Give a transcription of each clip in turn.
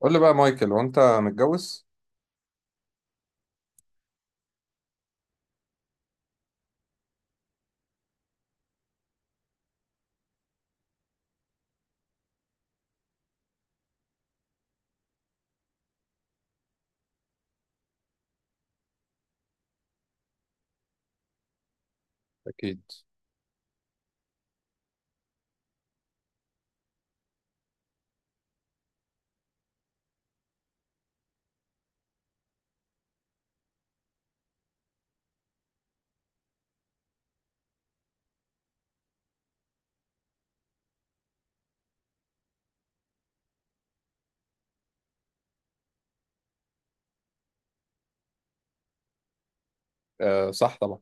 قول لي بقى مايكل، وانت متجوز؟ أكيد. آه صح طبعا.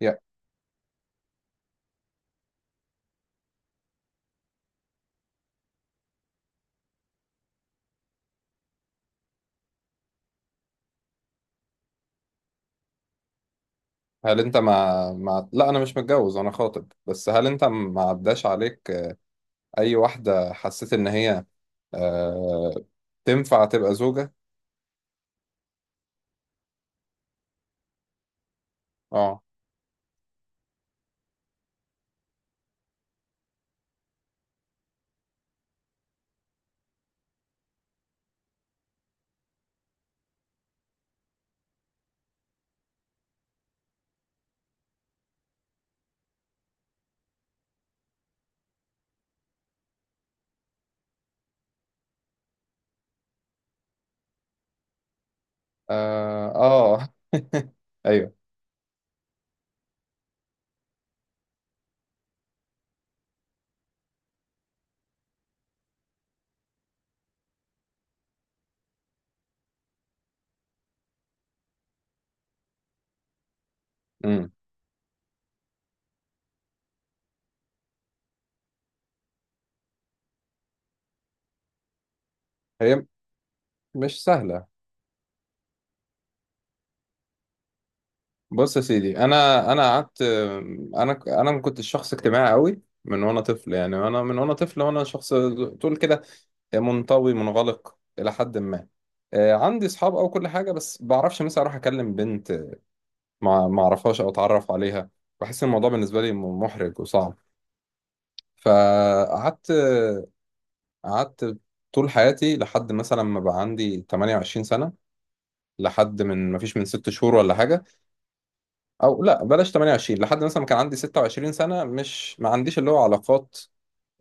يا. هل انت مع مع لا، انا مش متجوز، انا خاطب. بس هل انت ما عداش عليك اي واحده حسيت ان هي آه تنفع تبقى زوجه؟ اه. اه. آه. ايوه. امم هي مش سهله. بص يا سيدي، انا قعدت. انا كنت شخص اجتماعي قوي من وانا طفل. يعني انا من وانا طفل وانا شخص تقول كده منطوي منغلق الى حد ما. عندي اصحاب او كل حاجه بس بعرفش مثلا اروح اكلم بنت ما اعرفهاش او اتعرف عليها. بحس إن الموضوع بالنسبه لي محرج وصعب. فقعدت قعدت طول حياتي لحد مثلا ما بقى عندي 28 سنه. لحد من ما فيش من ست شهور ولا حاجه. او لا بلاش 28، لحد مثلا ما كان عندي 26 سنه، مش ما عنديش اللي هو علاقات،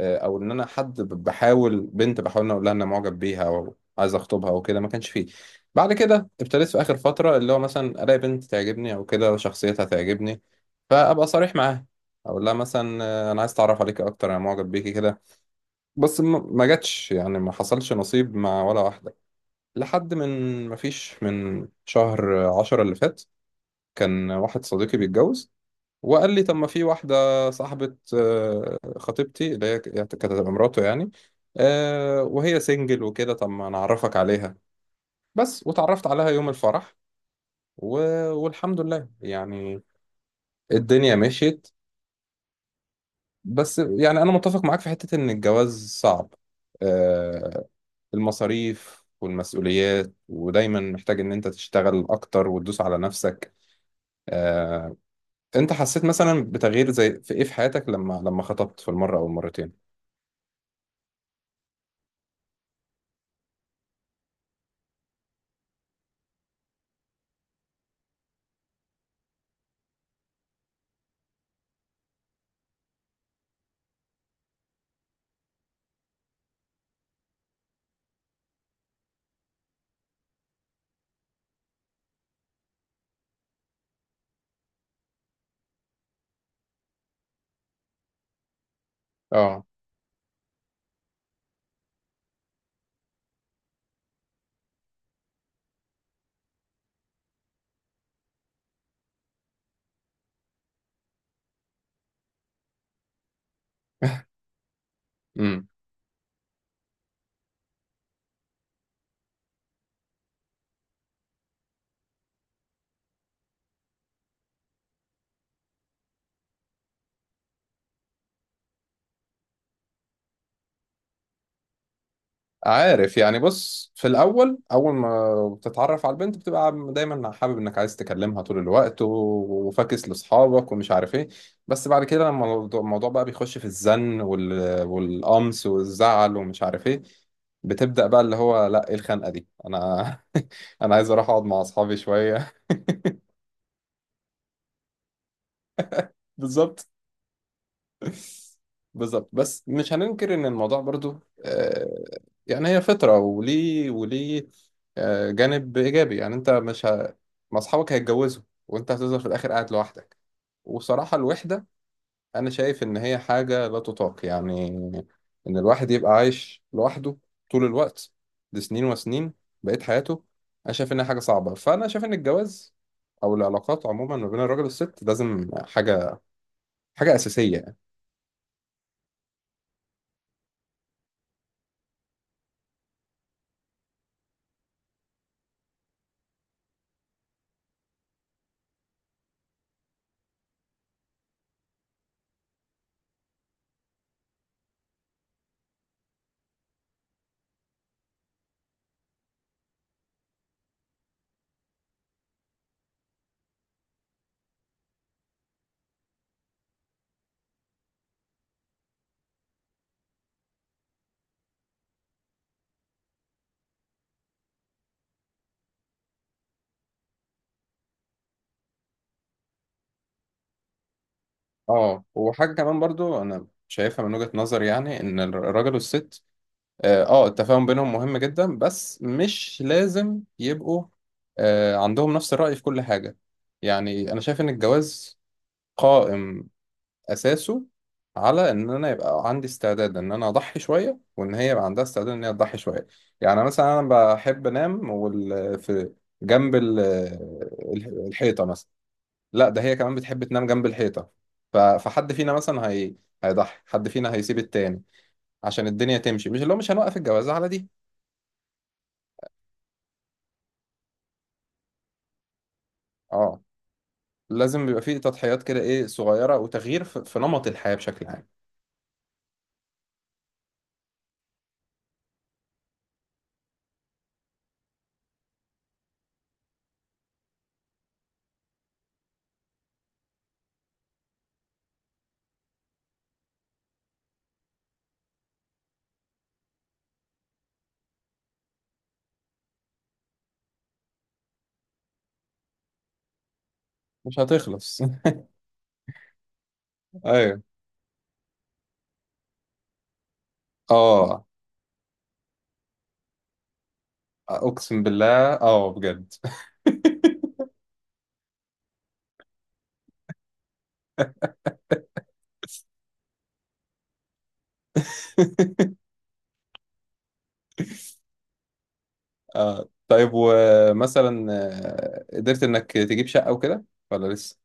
او ان انا حد بحاول بنت، بحاول إن أنا اقول لها ان أنا معجب بيها او عايز اخطبها او كده. ما كانش فيه. بعد كده ابتديت في اخر فتره، اللي هو مثلا الاقي بنت تعجبني او كده شخصيتها تعجبني، فابقى صريح معاها، اقول لها مثلا انا عايز اتعرف عليكي اكتر، انا معجب بيكي كده. بس ما جاتش، يعني ما حصلش نصيب مع ولا واحده. لحد من ما فيش من شهر عشرة اللي فات، كان واحد صديقي بيتجوز وقال لي: طب ما في واحدة صاحبة خطيبتي، اللي هي كانت هتبقى مراته يعني، وهي سنجل وكده، طب ما نعرفك عليها. بس وتعرفت عليها يوم الفرح و... والحمد لله يعني. الدنيا مشيت. بس يعني أنا متفق معاك في حتة إن الجواز صعب، آه، المصاريف والمسؤوليات ودايما محتاج إن أنت تشتغل أكتر وتدوس على نفسك. آه، أنت حسيت مثلا بتغيير زي في إيه في حياتك لما خطبت في المرة أو المرتين؟ اه. امم عارف يعني. بص في الاول، اول ما بتتعرف على البنت بتبقى دايما حابب انك عايز تكلمها طول الوقت وفاكس لاصحابك ومش عارف ايه. بس بعد كده لما الموضوع بقى بيخش في الزن والقمص والزعل ومش عارف ايه، بتبدأ بقى اللي هو لا ايه الخنقة دي. انا انا عايز اروح اقعد مع اصحابي شوية. بالظبط. بالظبط. بس مش هننكر ان الموضوع برضو آه، يعني هي فطرة، وليه جانب ايجابي. يعني انت مش ه... ما اصحابك هيتجوزوا وانت هتفضل في الاخر قاعد لوحدك. وصراحة الوحدة، انا شايف ان هي حاجة لا تطاق يعني. ان الواحد يبقى عايش لوحده طول الوقت، دي سنين وسنين بقيت حياته. انا شايف انها حاجة صعبة. فانا شايف ان الجواز او العلاقات عموما ما بين الراجل والست لازم حاجة، حاجة أساسية. اه، وحاجة كمان برضو أنا شايفها من وجهة نظري، يعني إن الراجل والست، اه التفاهم بينهم مهم جدا، بس مش لازم يبقوا آه عندهم نفس الرأي في كل حاجة. يعني أنا شايف إن الجواز قائم أساسه على إن أنا يبقى عندي استعداد إن أنا أضحي شوية، وإن هي يبقى عندها استعداد إن هي تضحي شوية. يعني مثلا أنا بحب أنام في جنب الحيطة مثلا. لا ده هي كمان بتحب تنام جنب الحيطة. فحد فينا مثلا هيضحي، حد فينا هيسيب التاني عشان الدنيا تمشي. مش اللي هو مش هنوقف الجواز على دي. اه، لازم بيبقى فيه تضحيات كده ايه، صغيرة وتغيير في نمط الحياة بشكل عام. مش هتخلص. ايوه. اه. اقسم بالله اه بجد. اه طيب، ومثلا قدرت انك تجيب شقة وكده ولا لسه؟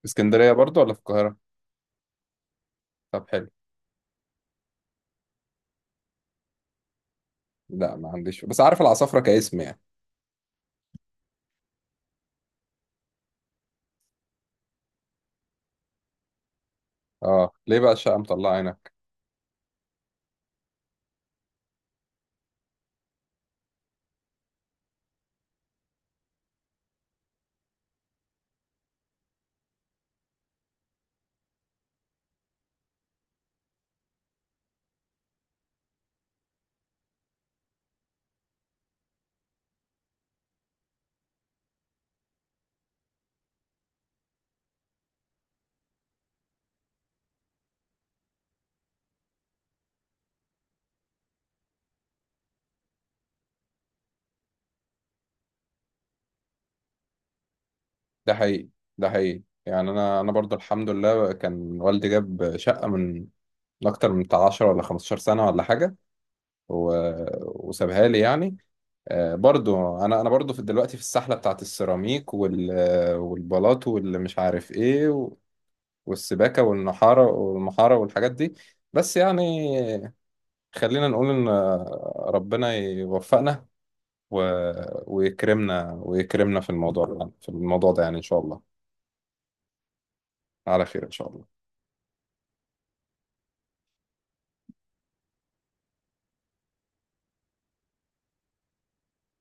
في اسكندرية برضو ولا في القاهرة؟ طب حلو. لا، ما عنديش، بس عارف العصافرة كاسم يعني. اه ليه بقى الشقة مطلعة عينك؟ ده حقيقي، ده حقيقي يعني. انا برضو الحمد لله كان والدي جاب شقة من اكتر من بتاع 10 ولا 15 سنة ولا حاجة و... وسابها لي يعني. آه برضو انا برضو في دلوقتي في السحلة بتاعت السيراميك والبلاط واللي مش عارف ايه والسباكة والنحارة والمحارة والحاجات دي. بس يعني خلينا نقول ان ربنا يوفقنا و... ويكرمنا في الموضوع ده يعني. ان شاء الله على خير. إن شاء الله.